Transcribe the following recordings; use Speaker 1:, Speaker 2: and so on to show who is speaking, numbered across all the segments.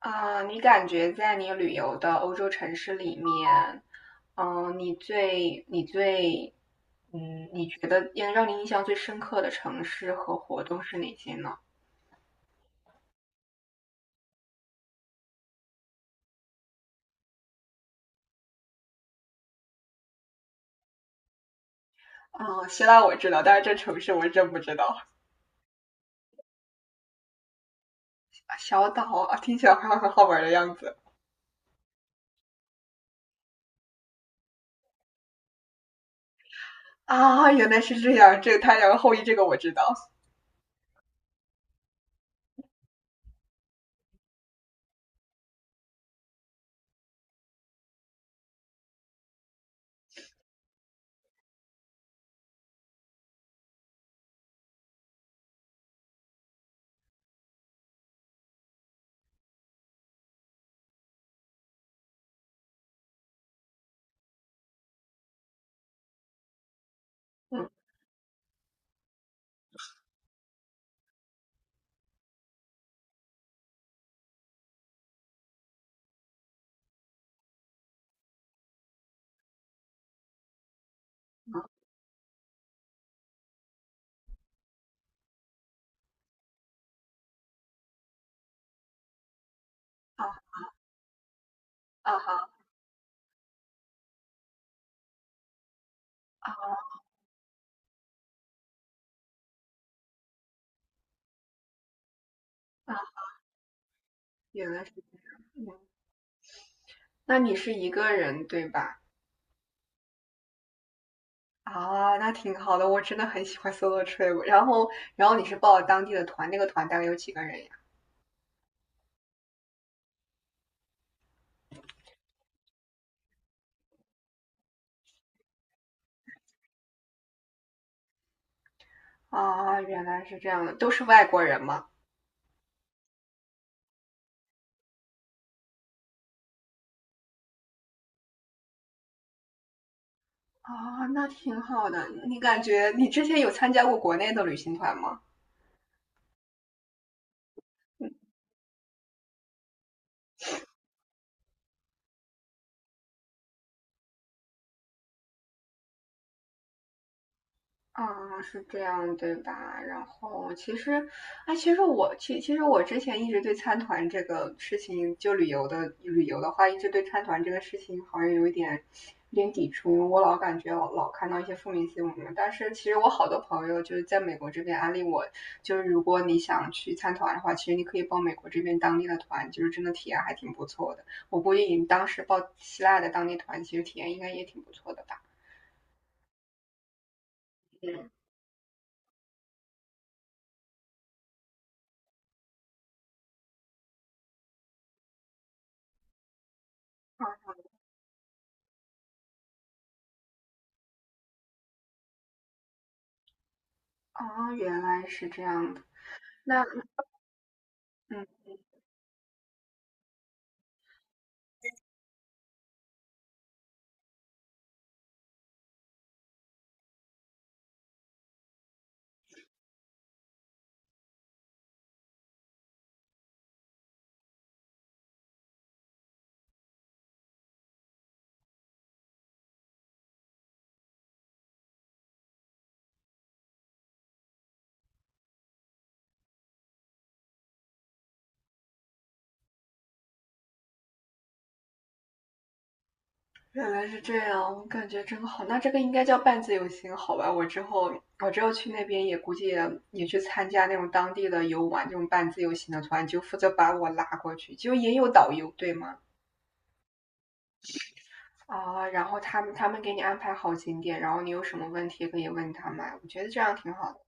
Speaker 1: 啊，你感觉在你旅游的欧洲城市里面，你最你最，你觉得让你印象最深刻的城市和活动是哪些呢？嗯，希腊我知道，但是这城市我真不知道。小岛啊，听起来好像很好玩的样子。啊，原来是这样，这个太阳后裔这个我知道。嗯。啊。啊哈。啊啊，原来是这样。那你是一个人对吧？啊，那挺好的，我真的很喜欢 solo trip。然后，然后你是报了当地的团，那个团大概有几个人呀？啊，原来是这样的，都是外国人吗？啊，那挺好的。你感觉你之前有参加过国内的旅行团吗？啊，是这样，对吧？然后其实，哎，其实我其实我之前一直对参团这个事情，就旅游的话，一直对参团这个事情好像有一点有点抵触，因为我老感觉老看到一些负面新闻。但是其实我好多朋友就是在美国这边安利我，就是如果你想去参团的话，其实你可以报美国这边当地的团，就是真的体验还挺不错的。我估计你当时报希腊的当地团，其实体验应该也挺不错的吧？嗯。啊。哦，原来是这样的。那嗯，原来是这样，我感觉真好。那这个应该叫半自由行，好吧？我之后去那边估计也去参加那种当地的游玩这种半自由行的团，就负责把我拉过去，就也有导游，对吗？啊，然后他们给你安排好景点，然后你有什么问题可以问他们，我觉得这样挺好的。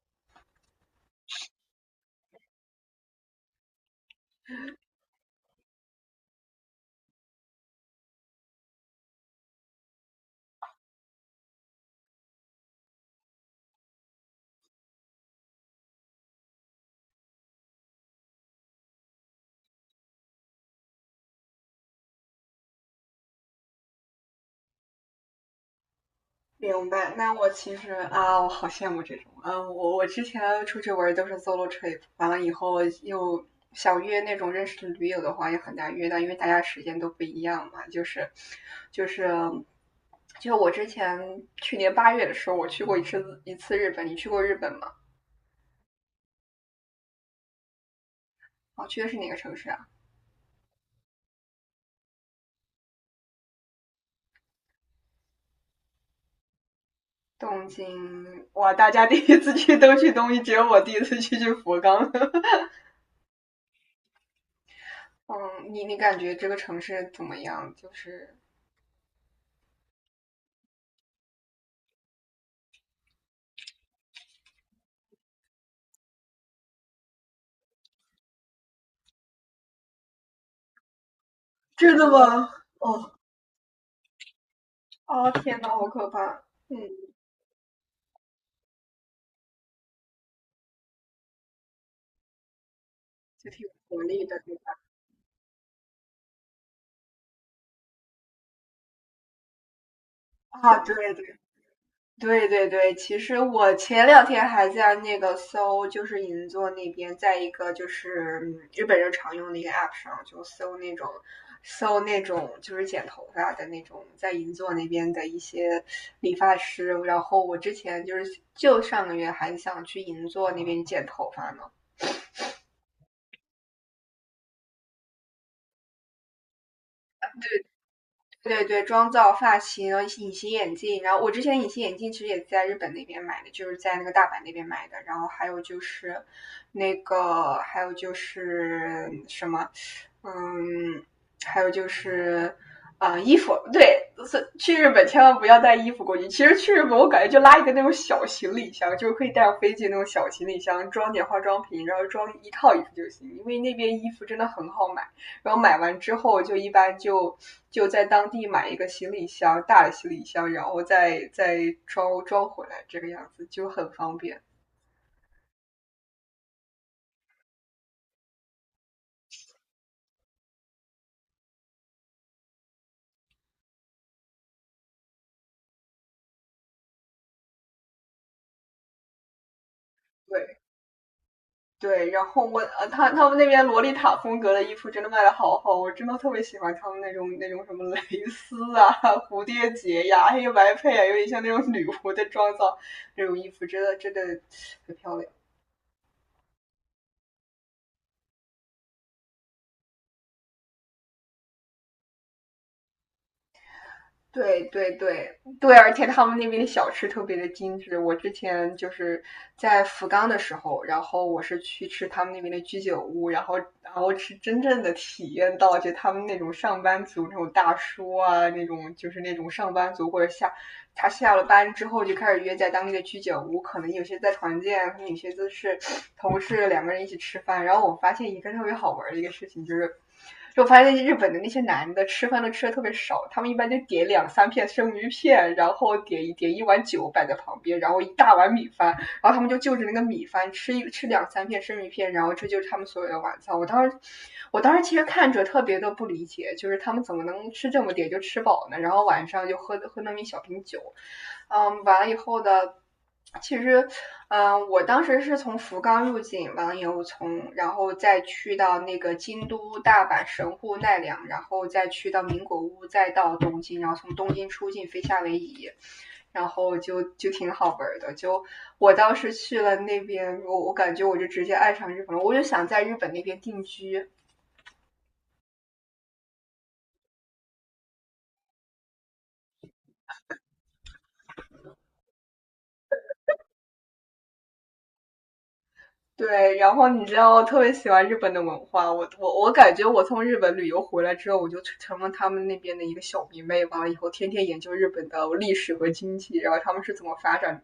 Speaker 1: 明白，那我其实啊，我好羡慕这种。嗯，我之前出去玩都是 solo trip,完了以后又想约那种认识的驴友的话也很难约到，因为大家时间都不一样嘛。就是，就我之前去年8月的时候，我去过一次日本。你去过日本吗？啊，去的是哪个城市啊？东京。哇，大家第一次去都去东京，只有我第一次去福冈。嗯，你感觉这个城市怎么样？就是真的吗？哦。哦，天呐，好可怕！嗯，就挺有活力的，对吧？啊，对，其实我前两天还在那个搜，就是银座那边，在一个就是日本人常用的一个 app 上，就搜那种就是剪头发的那种，在银座那边的一些理发师。然后我之前就是就上个月还想去银座那边剪头发呢。对对，妆造、发型、隐形眼镜，然后我之前隐形眼镜其实也在日本那边买的，就是在那个大阪那边买的，然后还有就是那个，还有就是什么，嗯，还有就是衣服，对，是去日本千万不要带衣服过去。其实去日本我感觉就拉一个那种小行李箱，就是可以带上飞机那种小行李箱，装点化妆品，然后装一套衣服就行，因为那边衣服真的很好买。然后买完之后，一般就在当地买一个行李箱，大的行李箱，然后再装装回来，这个样子就很方便。对对，然后我他们那边洛丽塔风格的衣服真的卖的好好，我真的特别喜欢他们那种什么蕾丝啊、蝴蝶结呀、黑白配啊，有点像那种女仆的妆造，那种衣服真的很漂亮。对对对对，而且他们那边的小吃特别的精致。我之前就是在福冈的时候，然后我是去吃他们那边的居酒屋，然后是真正的体验到就他们那种上班族那种大叔啊，那种就是那种上班族或者下他下了班之后就开始约在当地的居酒屋，可能有些在团建，可能有些就是 同事两个人一起吃饭。然后我发现一个特别好玩的一个事情就是。就我发现日本的那些男的吃饭都吃的特别少，他们一般就点两三片生鱼片，然后点一碗酒摆在旁边，然后一大碗米饭，然后他们就就着那个米饭吃两三片生鱼片，然后这就是他们所有的晚餐。我当时，我当时其实看着特别的不理解，就是他们怎么能吃这么点就吃饱呢？然后晚上就喝那么一小瓶酒，嗯，完了以后的。其实，我当时是从福冈入境，完了以后从，然后再去到那个京都、大阪、神户、奈良，然后再去到名古屋，再到东京，然后从东京出境飞夏威夷，然后就挺好玩的。就我当时去了那边，我感觉我就直接爱上日本了，我就想在日本那边定居。对，然后你知道，我特别喜欢日本的文化。我感觉我从日本旅游回来之后，我就成了他们那边的一个小迷妹完了以后天天研究日本的历史和经济，然后他们是怎么发展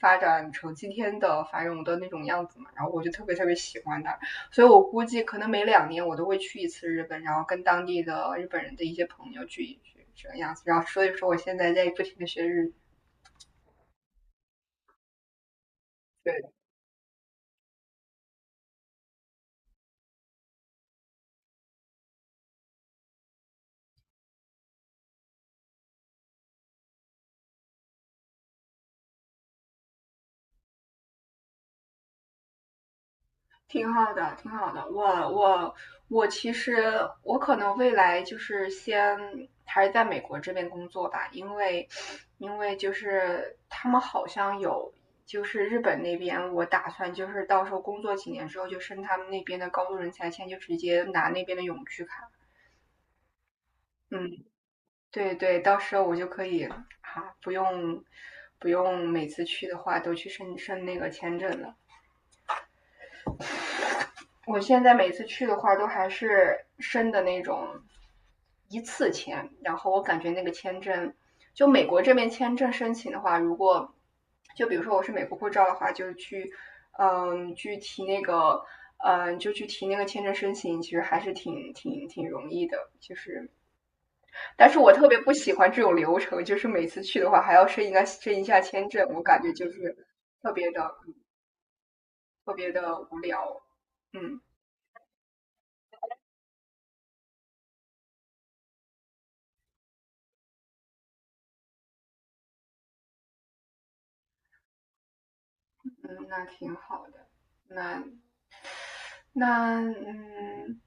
Speaker 1: 发展成今天的繁荣的那种样子嘛。然后我就特别喜欢那，所以我估计可能每2年我都会去一次日本，然后跟当地的日本人的一些朋友聚一聚这个样子。然后所以说我现在在不停的学日语。挺好的，挺好的。我我其实我可能未来就是先还是在美国这边工作吧，因为就是他们好像有就是日本那边，我打算就是到时候工作几年之后就申他们那边的高度人才签，就直接拿那边的永居卡。嗯，对对，到时候我就可以啊，不用不用每次去的话都去申那个签证了。我现在每次去的话，都还是申的那种一次签，然后我感觉那个签证，就美国这边签证申请的话，如果就比如说我是美国护照的话，就去去提那个就去提那个签证申请，其实还是挺容易的，就是但是我特别不喜欢这种流程，就是每次去的话还要申一个申一下签证，我感觉就是特别的特别的无聊，嗯。嗯，那挺好的。那那嗯，